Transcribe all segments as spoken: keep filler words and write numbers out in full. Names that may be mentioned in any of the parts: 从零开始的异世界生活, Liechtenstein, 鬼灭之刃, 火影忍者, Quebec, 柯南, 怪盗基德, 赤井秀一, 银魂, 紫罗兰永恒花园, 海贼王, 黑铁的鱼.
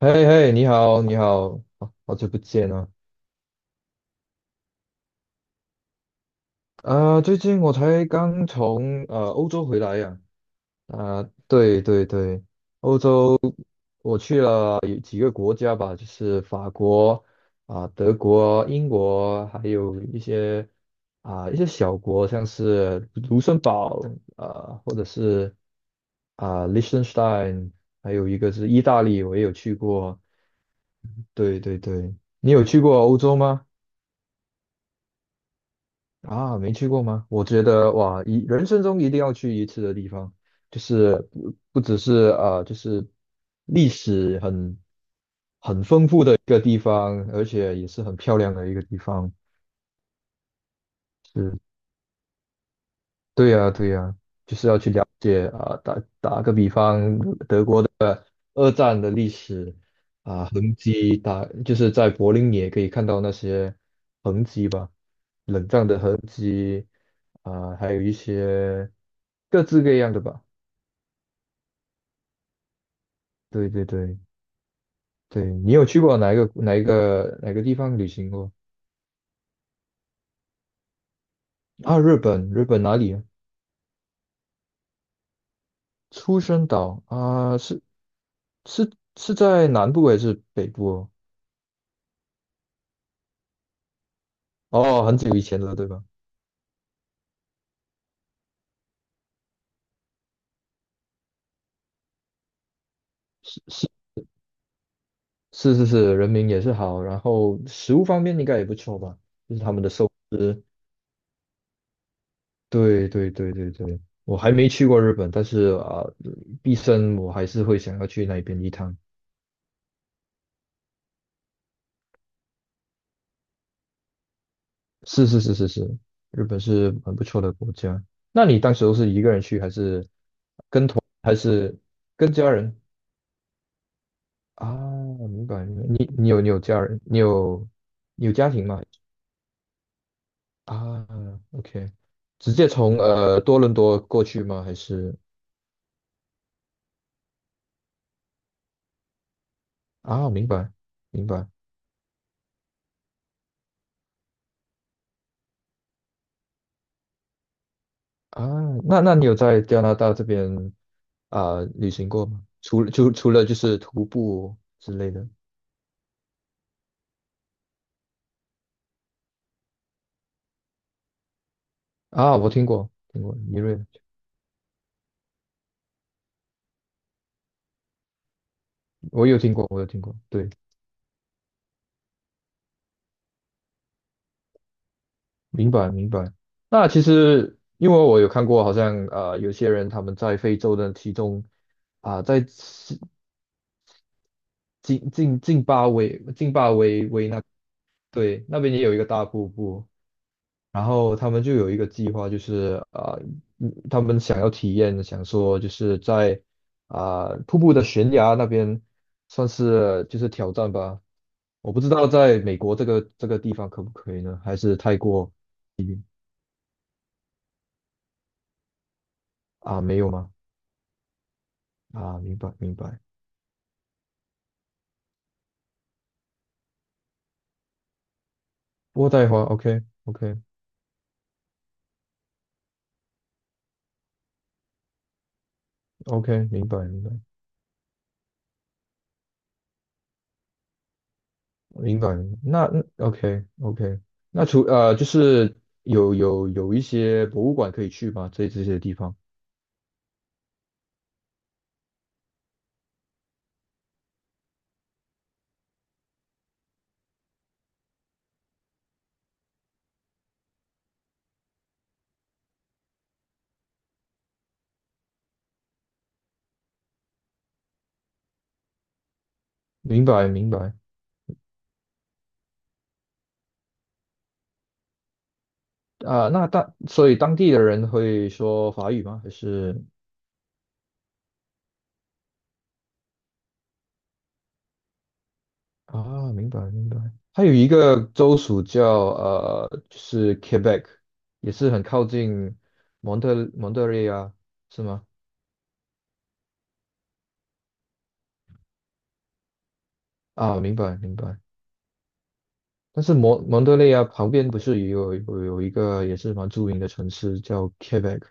嘿嘿，你好，你好，好好久不见啊！啊，最近我才刚从呃欧洲回来呀、啊，对对对，欧洲我去了有几个国家吧，就是法国啊、德国、英国，还有一些啊、一些小国，像是卢森堡啊，或者是啊、Liechtenstein，还有一个是意大利，我也有去过。对对对，你有去过欧洲吗？啊，没去过吗？我觉得哇，一人生中一定要去一次的地方，就是不不只是啊，就是历史很一个地方，而且也是很漂亮的一个地方。是，对呀，对呀，就是要去了解啊、打打个比方，德国的二战的历史啊、痕迹，打就是在柏林也可以看到那些痕迹吧，冷战的痕迹啊、还有一些各式各样的吧。对对对对，你有去过哪一个哪一个哪个地方旅行过啊？日本，日本哪里啊？出生岛啊，是是是在南部还是北部哦？哦，很久以前了，对吧？是是是是是，人民也是好，然后食物方面应该也不错吧，就是他们的寿司。对对对对对，我还没去过日本，但是啊，毕生我还是会想要去那边一趟。是是是是是，日本是很不错的国家。那你当时都是一个人去，还是还是跟家人啊？明白明白。你你有你有家人，你有你有家庭吗？啊，OK，直接从呃多伦多过去吗？还是啊，明白明白啊。那那你有在加拿大这边啊、旅行过吗？除除除了就是徒步之类的啊，我听过听过尼瑞，我有听过我有听过，对。明白明白。那其实因为我有看过，好像啊，有些人他们在非洲的其中啊、在西津津津巴威津巴威威那对那边也有一个大瀑布，然后他们就有一个计划，就是啊、嗯他们想要体验，想说就是在啊、瀑布的悬崖那边算是就是挑战吧。我不知道在美国这个这个地方可不可以呢？还是泰国啊、没有吗？啊，明白明白。渥太华，OK，OK，OK，明白，明白，明白。那那 OK，OK，那除呃，就是有有有一些博物馆可以去吗？这这些地方，明白，明白。啊、那当所以当地的人会说法语吗？还是啊，明白，明白。还有一个州属叫呃，就是 Quebec，也是很靠近蒙特蒙特利尔，是吗？啊，明白，明白。但是蒙蒙德利啊旁边不是也有有有一个也是蛮著名的城市叫 Quebec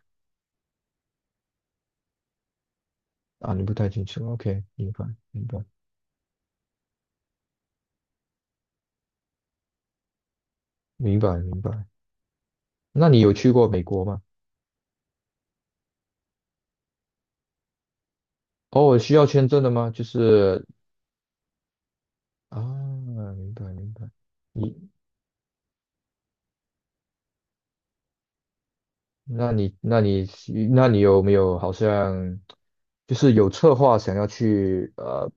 啊？你不太清楚？OK，明白明白明白明白。那你有去过美国吗？哦，需要签证的吗？就是啊，明白明白。你那你那你那你有没有好像就是有策划想要去呃？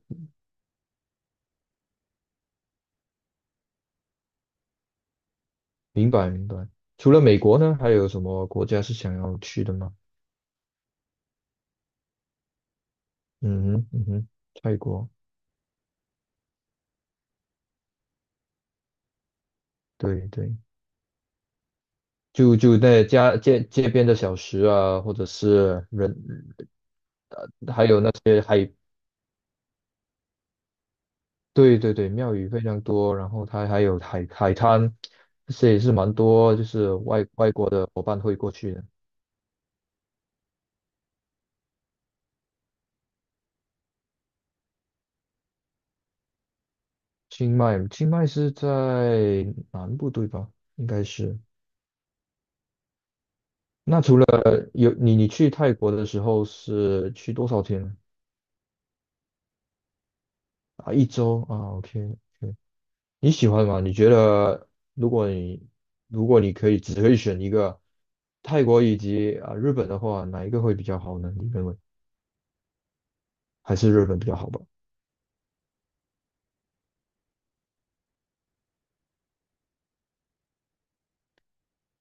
明白明白。除了美国呢，还有什么国家是想要去的吗？嗯哼嗯哼，泰国，对对。就就在家街街边的小食啊，或者是人，呃对对对，庙宇非常多，然后它还有海海滩，这些也是蛮多，就是外外国的伙伴会过去的。清迈，清迈是在南部对吧？应该是。那除了有你，你去泰国的时候是去多少天啊？一周啊，OK，你喜欢吗？你觉得如果你如果你可以只可以选一个泰国以及啊、日本的话，哪一个会比较好呢？你认为还是日本比较好吧？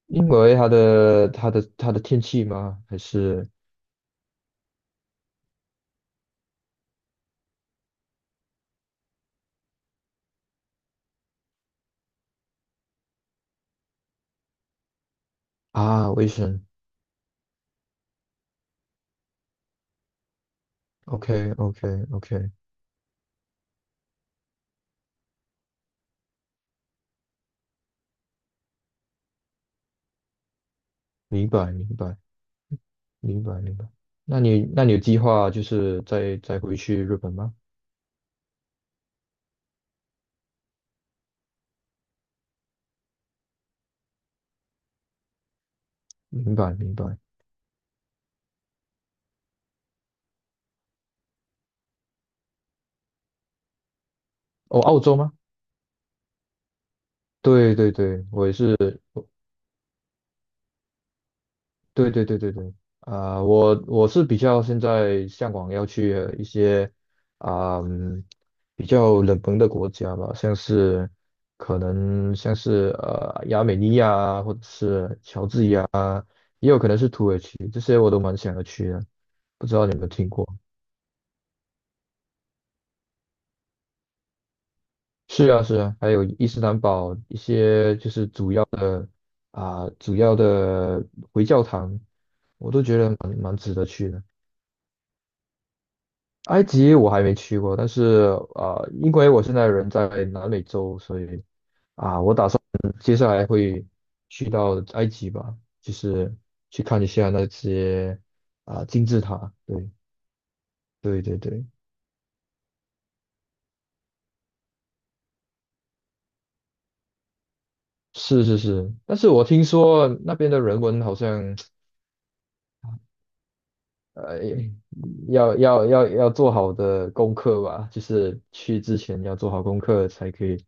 因为它的它的它的天气吗？还是啊卫生？OK OK OK，明白明白明白明白。那你那你有计划就是再再回去日本吗？明白明白。哦，澳洲吗？对对对，我也是对对对对对，啊、我我是比较现在向往要去呃一些啊、嗯比较冷门的国家吧，像是可能像是呃亚美尼亚啊或者是乔治亚，也有可能是土耳其，这些我都蛮想要去的，不知道你有没有听过？是啊是啊，还有伊斯兰堡一些就是主要的啊、主要的回教堂，我都觉得蛮蛮值得去的。埃及我还没去过，但是啊，因为我现在人在南美洲，所以嗯接下来会去到埃及吧，就是去看一下那些啊、金字塔。对对对对，是是是。但是我听说那边的人文好像呃要要要要做好的功课吧，就是去之前要做好功课才可以。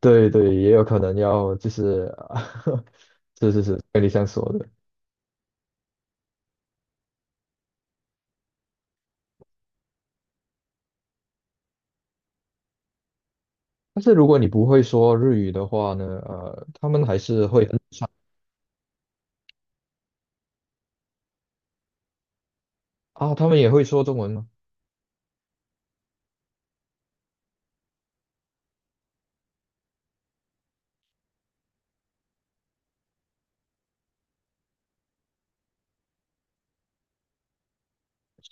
对对，也有可能要就是，是是是，跟你这样说的。但是如果你不会说日语的话呢，呃，他们还是会很啊，他们也会说中文吗？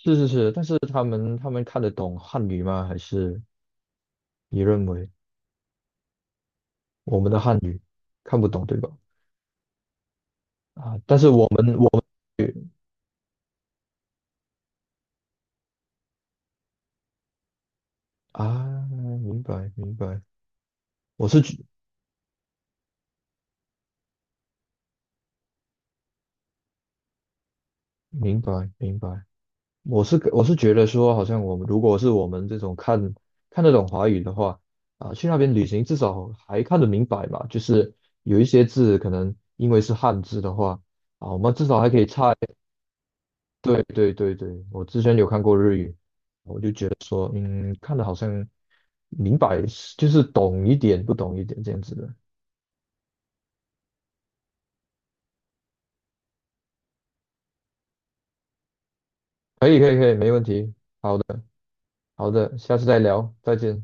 是是是，但是他们他们看得懂汉语吗？还是你认为我们的汉语看不懂，对吧？啊，但是我们我们啊，明白明白，我是觉明白明白，我是我是觉得说，好像我们如果是我们这种看看得懂华语的话，啊，去那边旅行至少还看得明白吧，就是有一些字可能因为是汉字的话，啊，我们至少还可以猜。对对对对，我之前有看过日语，说嗯，看得好像明白，就是懂一点不懂一点这样子的。可以可以可以，没问题。好的，下次再聊，再见。